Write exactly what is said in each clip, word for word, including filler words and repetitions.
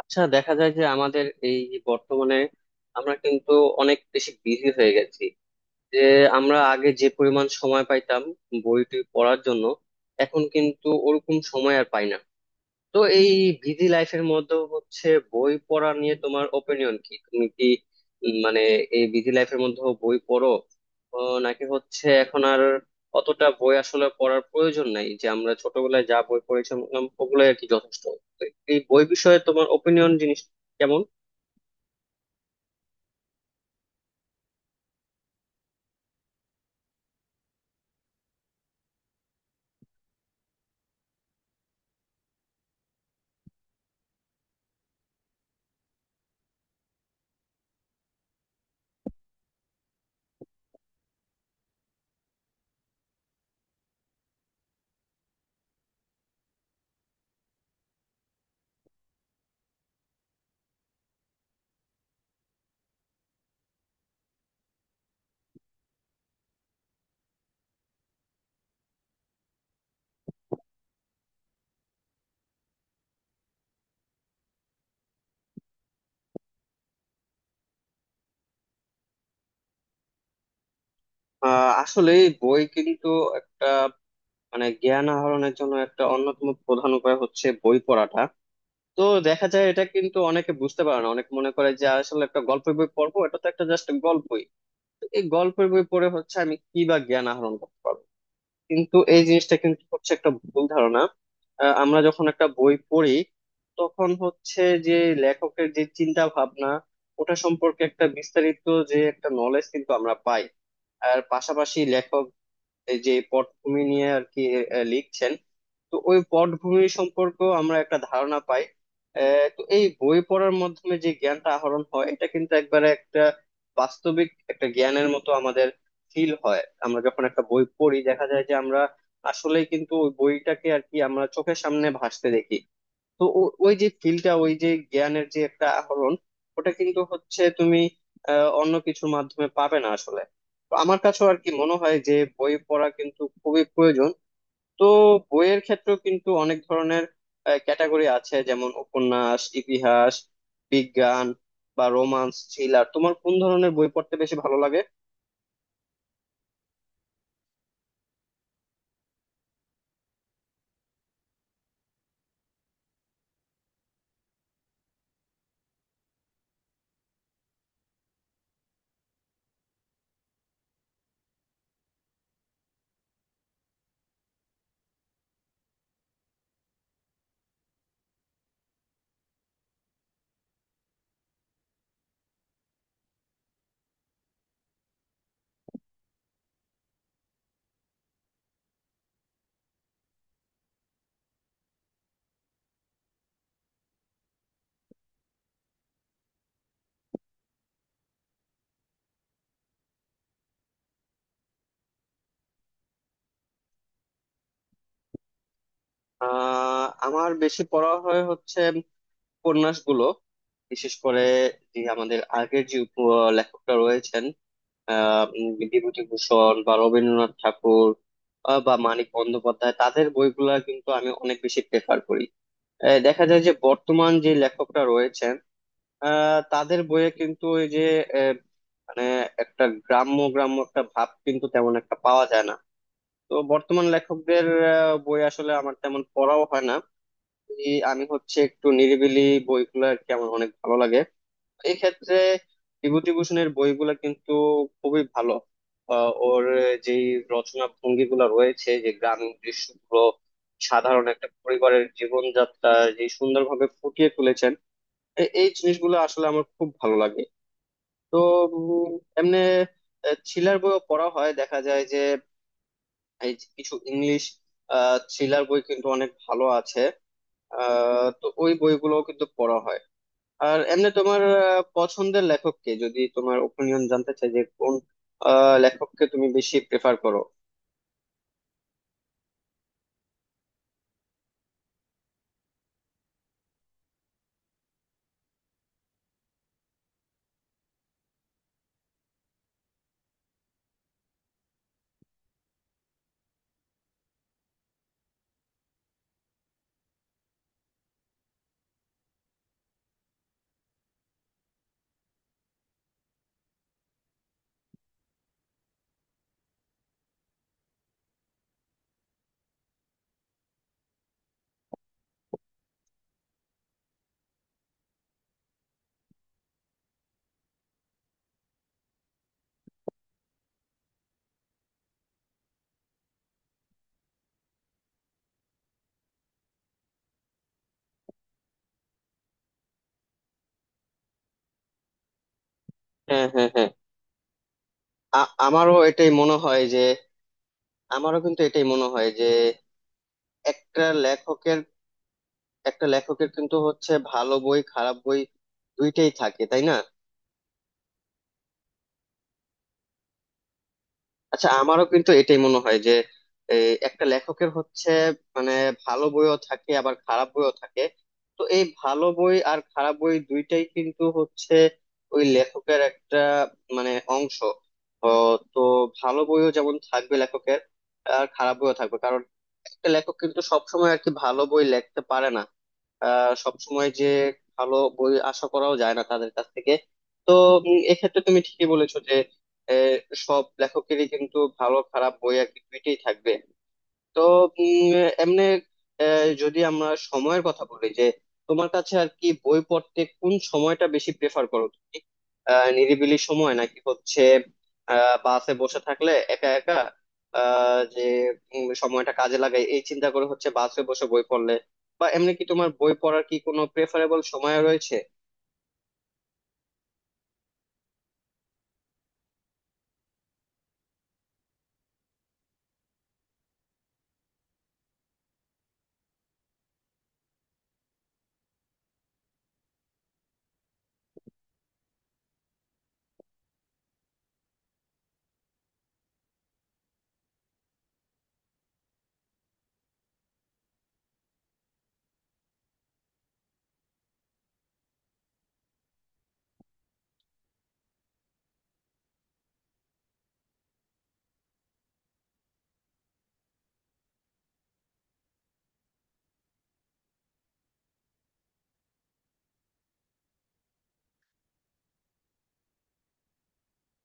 আচ্ছা, দেখা যায় যে আমাদের এই যে বর্তমানে আমরা কিন্তু অনেক বেশি বিজি হয়ে গেছি, যে আমরা আগে যে পরিমাণ সময় পাইতাম বইটি পড়ার জন্য এখন কিন্তু ওরকম সময় আর পাই না। তো এই বিজি লাইফের মধ্যেও হচ্ছে, বই পড়া নিয়ে তোমার ওপিনিয়ন কি, তুমি কি উম, মানে এই বিজি লাইফের মধ্যেও বই পড়ো, ও, নাকি হচ্ছে এখন আর অতটা বই আসলে পড়ার প্রয়োজন নাই, যে আমরা ছোটবেলায় যা বই পড়েছিলাম ওগুলোই আর কি যথেষ্ট। তো এই বই বিষয়ে তোমার ওপিনিয়ন জিনিস কেমন? আহ আসলে বই কিন্তু একটা, মানে জ্ঞান আহরণের জন্য একটা অন্যতম প্রধান উপায় হচ্ছে বই পড়াটা। তো দেখা যায় এটা কিন্তু অনেকে বুঝতে পারে না, অনেকে মনে করে যে আসলে একটা গল্পের বই পড়বো, এটা তো একটা জাস্ট গল্পই। তো এই গল্পের বই পড়ে হচ্ছে আমি কি বা জ্ঞান আহরণ করতে পারবো, কিন্তু এই জিনিসটা কিন্তু হচ্ছে একটা ভুল ধারণা। আহ, আমরা যখন একটা বই পড়ি তখন হচ্ছে যে, লেখকের যে চিন্তা ভাবনা, ওটা সম্পর্কে একটা বিস্তারিত যে একটা নলেজ কিন্তু আমরা পাই। আর পাশাপাশি লেখক এই যে পটভূমি নিয়ে আর কি আহ, লিখছেন, তো ওই পটভূমি সম্পর্ক আমরা একটা ধারণা পাই। আহ, তো এই বই পড়ার মাধ্যমে যে জ্ঞানটা আহরণ হয় এটা কিন্তু একবারে একটা বাস্তবিক একটা জ্ঞানের মতো আমাদের ফিল হয়। আমরা যখন একটা বই পড়ি দেখা যায় যে আমরা আসলেই কিন্তু ওই বইটাকে আর কি আমরা চোখের সামনে ভাসতে দেখি। তো ও- ওই যে ফিলটা, ওই যে জ্ঞানের যে একটা আহরণ, ওটা কিন্তু হচ্ছে তুমি আহ, অন্য কিছুর মাধ্যমে পাবে না আসলে। তো আমার কাছেও আর কি মনে হয় যে বই পড়া কিন্তু খুবই প্রয়োজন। তো বইয়ের ক্ষেত্রেও কিন্তু অনেক ধরনের ক্যাটাগরি আছে, যেমন উপন্যাস, ইতিহাস, বিজ্ঞান, বা রোমান্স, থ্রিলার। তোমার কোন ধরনের বই পড়তে বেশি ভালো লাগে? আহ আমার বেশি পড়া হয় হচ্ছে উপন্যাসগুলো, বিশেষ করে যে আমাদের আগের যে উপ- লেখকরা রয়েছেন। আহ উম, বিভূতিভূষণ বা রবীন্দ্রনাথ ঠাকুর, আহ, বা মানিক বন্দ্যোপাধ্যায়, তাদের বইগুলা কিন্তু আমি অনেক বেশি প্রেফার করি। আহ, দেখা যায় যে বর্তমান যে লেখকরা রয়েছেন, আহ তাদের বইয়ে কিন্তু ওই যে আহ, মানে একটা গ্রাম্য গ্রাম্য একটা ভাব কিন্তু তেমন একটা পাওয়া যায় না। তো বর্তমান লেখকদের আহ, বই আসলে আমার তেমন পড়াও হয় না। এই আমি হচ্ছে একটু নিরিবিলি বইগুলো আর কি আমার অনেক ভালো লাগে। এই ক্ষেত্রে বিভূতিভূষণের বইগুলো কিন্তু খুবই ভালো। আহ, ওর যে রচনা ভঙ্গি গুলো রয়েছে, যে গ্রামীণ দৃশ্যগুলো, সাধারণ একটা পরিবারের জীবনযাত্রা যে সুন্দরভাবে ফুটিয়ে তুলেছেন, এ- এই জিনিসগুলো আসলে আমার খুব ভালো লাগে। তো উম, এমনি থ্রিলার বইও পড়া হয়, দেখা যায় যে এই যে কিছু ইংলিশ থ্রিলার বই কিন্তু অনেক ভালো আছে। আহ, তো ওই বইগুলোও কিন্তু পড়া হয়। আর এমনি তোমার আহ, পছন্দের লেখক কে, যদি তোমার ওপিনিয়ন জানতে চাই যে কোন আহ, লেখককে তুমি বেশি প্রেফার করো? হ্যাঁ, হ্যাঁ, হ্যাঁ। আ- আমারও এটাই মনে হয় যে, আমারও কিন্তু এটাই মনে হয় যে একটা লেখকের, একটা লেখকের কিন্তু হচ্ছে ভালো বই, খারাপ বই, দুইটাই থাকে, তাই না? আচ্ছা, আমারও কিন্তু এটাই মনে হয় যে এই একটা লেখকের হচ্ছে, মানে ভালো বইও থাকে আবার খারাপ বইও থাকে। তো এই ভালো বই আর খারাপ বই দুইটাই কিন্তু হচ্ছে ওই লেখকের একটা, মানে অংশ। ও, তো ভালো বইও যেমন থাকবে লেখকের আর খারাপ বইও থাকবে, কারণ একটা লেখক কিন্তু সবসময় আর কি ভালো বই লিখতে পারে না। আহ সবসময় যে ভালো বই আশা করাও যায় না তাদের কাছ থেকে। তো উম, এক্ষেত্রে তুমি ঠিকই বলেছো। আহ, সব লেখকেরই কিন্তু ভালো খারাপ বই আর কি দুইটাই থাকবে। তো উম, এমনি আহ, যদি আমরা সময়ের কথা বলি, যে তোমার কাছে আর কি বই পড়তে কোন সময়টা বেশি প্রেফার করো তুমি, আহ, নিরিবিলি সময়, নাকি হচ্ছে আহ, বাসে বসে থাকলে একা একা আহ, যে উম, সময়টা কাজে লাগাই এই চিন্তা করে হচ্ছে বাসে বসে বই পড়লে, বা এমনি কি তোমার বই পড়ার কি কোনো প্রেফারেবল সময় রয়েছে?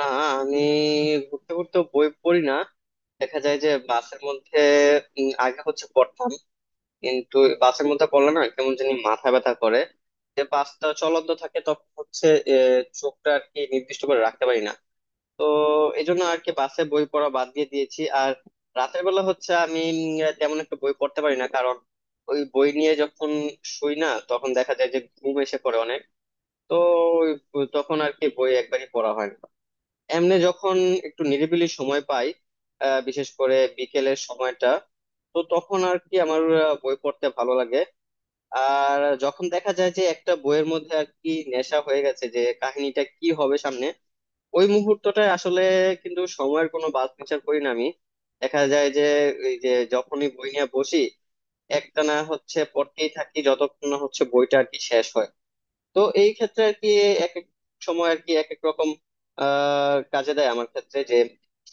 না, আমি ঘুরতে ঘুরতে বই পড়ি না। দেখা যায় যে বাসের মধ্যে উম, আগে হচ্ছে পড়তাম, কিন্তু বাসের মধ্যে পড়লে না কেমন জানি মাথা ব্যথা করে। যে বাসটা চলন্ত থাকে তখন হচ্ছে আহ, চোখটা আর কি নির্দিষ্ট করে রাখতে পারি না। তো এই জন্য আর কি বাসে বই পড়া বাদ দিয়ে দিয়েছি। আর রাতের বেলা হচ্ছে আমি উম, তেমন একটা বই পড়তে পারি না, কারণ ওই বই নিয়ে যখন শুই না তখন দেখা যায় যে ঘুম এসে পড়ে অনেক। তো ওই- তখন আর কি বই একবারই পড়া হয় না। এমনি যখন একটু নিরিবিলি সময় পাই, আহ, বিশেষ করে বিকেলের সময়টা, তো তখন আর কি আমার আহ, বই পড়তে ভালো লাগে। আর যখন দেখা যায় যে একটা বইয়ের মধ্যে আর কি নেশা হয়ে গেছে, যে কাহিনীটা কি হবে সামনে, ওই মুহূর্তটায় আসলে কিন্তু সময়ের কোনো বাদ বিচার করি না আমি। দেখা যায় যে এই যে যখনই বই নিয়ে বসি একটানা হচ্ছে পড়তেই থাকি যতক্ষণ না হচ্ছে বইটা আর কি শেষ হয়। তো এই ক্ষেত্রে আর কি এক এক সময় আর কি এক এক রকম আহ কাজে দেয় আমার ক্ষেত্রে, যে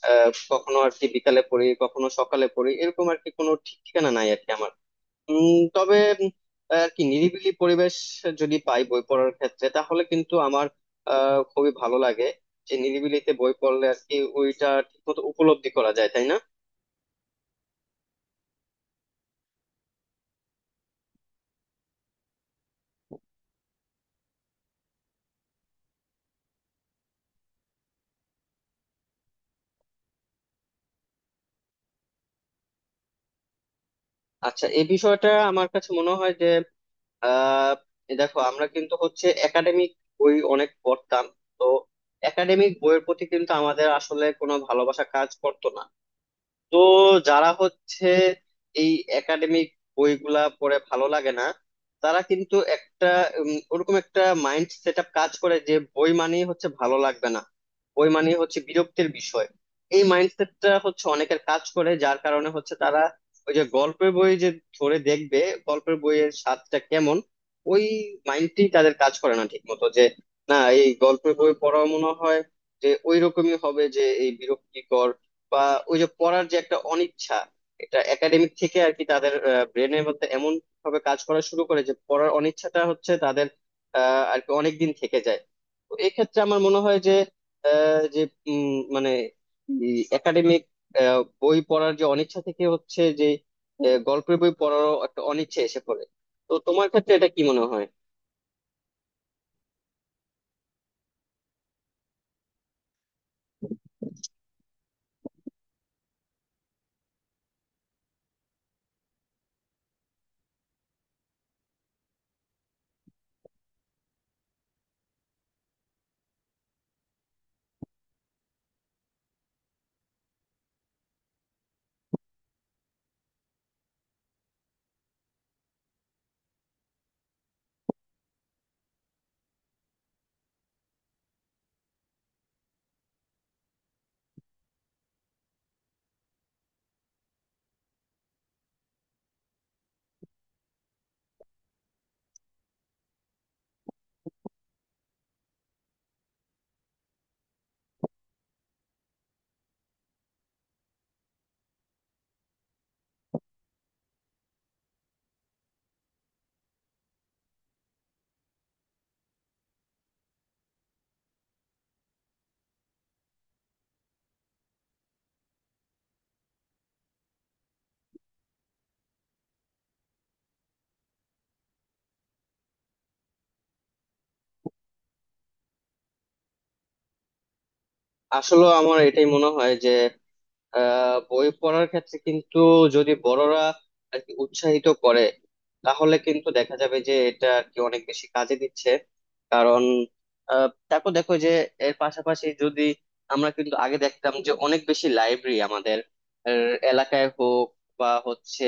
আহ, কখনো আর কি বিকালে পড়ি কখনো সকালে পড়ি, এরকম আর কি কোনো ঠিক ঠিকানা নাই আর কি আমার। উম, তবে উম, আর কি নিরিবিলি পরিবেশ যদি পাই বই পড়ার ক্ষেত্রে, তাহলে কিন্তু আমার আহ খুবই ভালো লাগে। যে নিরিবিলিতে বই পড়লে আর কি ওইটা ঠিক মতো উপলব্ধি করা যায়, তাই না? আচ্ছা, এই বিষয়টা আমার কাছে মনে হয় যে আহ এই দেখো, আমরা কিন্তু হচ্ছে একাডেমিক বই অনেক পড়তাম। তো একাডেমিক বইয়ের প্রতি কিন্তু আমাদের আসলে কোনো ভালোবাসা কাজ করতো না। তো যারা হচ্ছে এই একাডেমিক বইগুলা পড়ে ভালো লাগে না, তারা কিন্তু একটা উম, ওরকম একটা মাইন্ড সেট আপ কাজ করে যে বই মানেই হচ্ছে ভালো লাগবে না, বই মানেই হচ্ছে বিরক্তির বিষয়। এই মাইন্ডসেটটা হচ্ছে অনেকের কাজ করে, যার কারণে হচ্ছে তারা ওই যে গল্পের বই যে ধরে দেখবে গল্পের বইয়ের স্বাদটা কেমন, ওই মাইন্ডটি তাদের কাজ করে না ঠিক মতো। যে না, এই গল্পের বই পড়া মনে হয় যে ওই রকমই হবে, যে এই বিরক্তিকর, বা ওই যে পড়ার যে একটা অনিচ্ছা, এটা একাডেমিক থেকে আর কি তাদের ব্রেনের মধ্যে এমন ভাবে কাজ করা শুরু করে যে পড়ার অনিচ্ছাটা হচ্ছে তাদের আহ আর কি অনেকদিন থেকে যায়। তো এক্ষেত্রে আমার মনে হয় যে আহ, যে উম, মানে একাডেমিক বই পড়ার যে অনিচ্ছা থেকে হচ্ছে যে আহ, গল্পের বই পড়ারও একটা অনিচ্ছা এসে পড়ে। তো তোমার ক্ষেত্রে এটা কি মনে হয়? আসলে আমার এটাই মনে হয় যে আহ বই পড়ার ক্ষেত্রে কিন্তু, যদি বড়রা আর কি উৎসাহিত করে, তাহলে কিন্তু দেখা যাবে যে এটা আর কি অনেক বেশি কাজে দিচ্ছে। কারণ আহ, তারপর দেখো যে এর পাশাপাশি যদি, আমরা কিন্তু আগে দেখতাম যে অনেক বেশি লাইব্রেরি আমাদের আহ, এলাকায় হোক বা হচ্ছে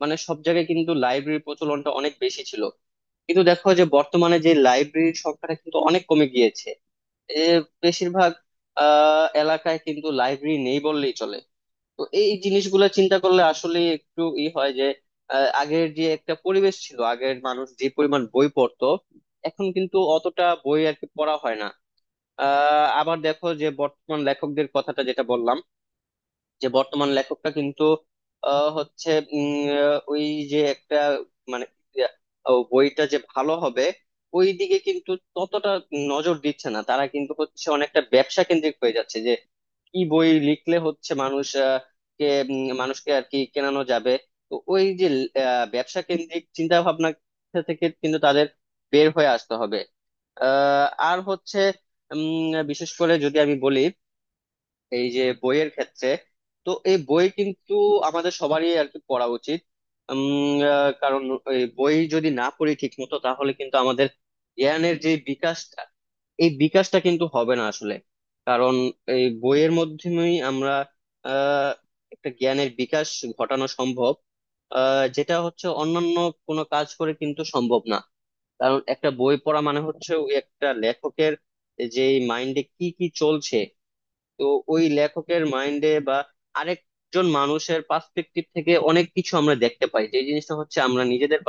মানে সব জায়গায় কিন্তু লাইব্রেরির প্রচলনটা অনেক বেশি ছিল। কিন্তু দেখো যে বর্তমানে যে লাইব্রেরির সংখ্যাটা কিন্তু অনেক কমে গিয়েছে। এ বেশিরভাগ আহ এলাকায় কিন্তু লাইব্রেরি নেই বললেই চলে। তো এই জিনিসগুলো চিন্তা করলে আসলে একটু ই হয়, যে আহ, আগের যে একটা পরিবেশ ছিল, আগের মানুষ যে পরিমাণ বই পড়তো, এখন কিন্তু অতটা বই আর কি পড়া হয় না। আহ, আবার দেখো যে বর্তমান লেখকদের কথাটা যেটা বললাম, যে বর্তমান লেখকটা কিন্তু আহ, হচ্ছে উম, আহ, ওই যে একটা, মানে আহ, বইটা যে ভালো হবে, ওই দিকে কিন্তু ততটা নজর দিচ্ছে না, তারা কিন্তু হচ্ছে অনেকটা ব্যবসা কেন্দ্রিক হয়ে যাচ্ছে। কি বই লিখলে হচ্ছে মানুষ আহ, কে উম, মানুষকে আর কি কেনানো যাবে। তো ওই যে আহ, ব্যবসা কেন্দ্রিক চিন্তা ভাবনা থেকে কিন্তু তাদের বের হয়ে আসতে হবে। আহ, আর হচ্ছে উম, বিশেষ করে যদি আমি বলি এই যে বইয়ের ক্ষেত্রে, তো এই বই কিন্তু আমাদের সবারই আর কি পড়া উচিত। উম, আহ, কারণ এই বই যদি না পড়ি ঠিক মতো, তাহলে কিন্তু আমাদের জ্ঞানের যে বিকাশ, এই বিকাশটা কিন্তু হবে না আসলে। কারণ এই বইয়ের মাধ্যমেই আমরা আহ একটা জ্ঞানের বিকাশ ঘটানো সম্ভব। আহ যেটা হচ্ছে অন্যান্য কোনো কাজ করে কিন্তু সম্ভব না। কারণ একটা বই পড়া মানে হচ্ছে ওই একটা লেখকের যে মাইন্ডে কি কি চলছে। তো ওই লেখকের মাইন্ডে বা আরেকজন মানুষের পার্সপেক্টিভ থেকে অনেক কিছু আমরা দেখতে পাই, যে জিনিসটা হচ্ছে আমরা নিজেদের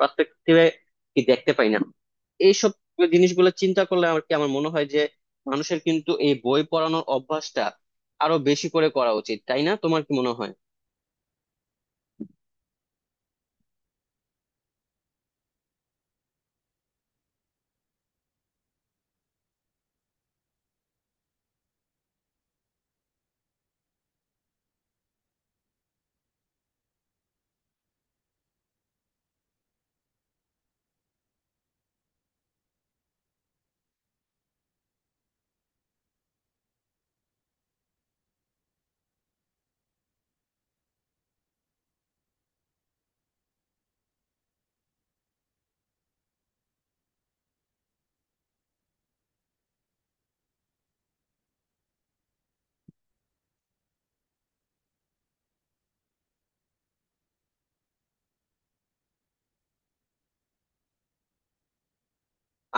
পার্সপেক্টিভে কি দেখতে পাই না। এইসব জিনিসগুলো চিন্তা করলে আমার কি আমার মনে হয় যে, মানুষের কিন্তু এই বই পড়ানোর অভ্যাসটা আরো বেশি করে করা উচিত, তাই না? তোমার কি মনে হয়?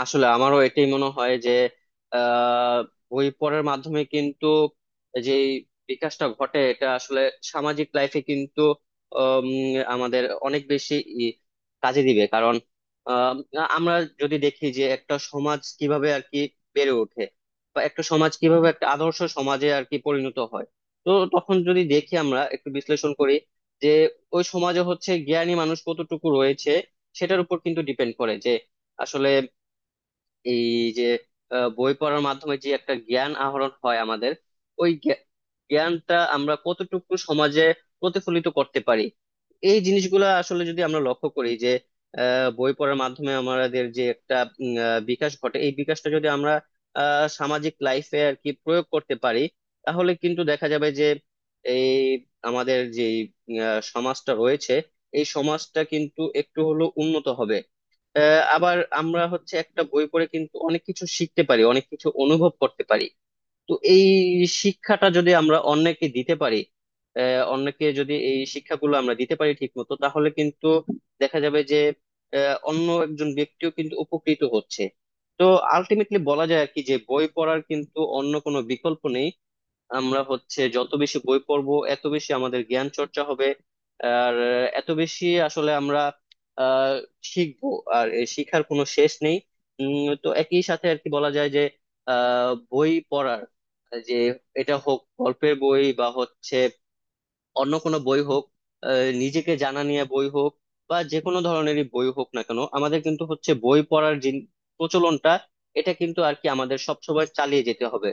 আসলে আমারও এটাই মনে হয় যে আহ বই পড়ার মাধ্যমে কিন্তু যে বিকাশটা ঘটে এটা আসলে সামাজিক লাইফে কিন্তু উম, আমাদের অনেক বেশি ই- কাজে দিবে, কারণ আহ, আমরা যদি দেখি যে একটা সমাজ কিভাবে আর কি বেড়ে ওঠে, বা একটা সমাজ কিভাবে একটা আদর্শ সমাজে আর কি পরিণত হয়। তো তখন যদি দেখি আমরা একটু বিশ্লেষণ করি যে ওই সমাজে হচ্ছে জ্ঞানী মানুষ কতটুকু রয়েছে, সেটার উপর কিন্তু ডিপেন্ড করে যে, আসলে এই যে আহ, বই পড়ার মাধ্যমে যে একটা জ্ঞান আহরণ হয় আমাদের, ওই জ্ঞা- জ্ঞানটা আমরা কতটুকু সমাজে প্রতিফলিত করতে পারি। এই জিনিসগুলো আসলে যদি আমরা লক্ষ্য করি, যে আহ, বই পড়ার মাধ্যমে আমাদের যে একটা উম, আহ, বিকাশ ঘটে, এই বিকাশটা যদি আমরা আহ, সামাজিক লাইফে আর কি প্রয়োগ করতে পারি, তাহলে কিন্তু দেখা যাবে যে এই আমাদের যে আহ, সমাজটা রয়েছে, এই সমাজটা কিন্তু একটু হলেও উন্নত হবে। আহ, আবার আমরা হচ্ছে একটা বই পড়ে কিন্তু অনেক কিছু শিখতে পারি, অনেক কিছু অনুভব করতে পারি। তো এই শিক্ষাটা যদি আমরা অন্যকে দিতে পারি, আহ, অন্যকে যদি এই শিক্ষাগুলো আমরা দিতে পারি ঠিক মতো, তাহলে কিন্তু দেখা যাবে যে আহ, অন্য একজন ব্যক্তিও কিন্তু উপকৃত হচ্ছে। তো আলটিমেটলি বলা যায় আর কি যে বই পড়ার কিন্তু অন্য কোনো বিকল্প নেই। আমরা হচ্ছে যত বেশি বই পড়বো এত বেশি আমাদের জ্ঞান চর্চা হবে, আর আহ, এত বেশি আসলে আমরা আহ শিখবো। আর এই শিখার কোনো শেষ নেই। উম, তো একই সাথে আর কি বলা যায় যে, আহ বই পড়ার যে, এটা হোক গল্পের বই বা হচ্ছে অন্য কোনো বই হোক, আহ, নিজেকে জানা নিয়ে বই হোক বা যে কোনো ধরনেরই বই হোক না কেন, আমাদের কিন্তু হচ্ছে বই পড়ার যে প্রচলনটা এটা কিন্তু আর কি আমাদের সবসময় চালিয়ে যেতে হবে।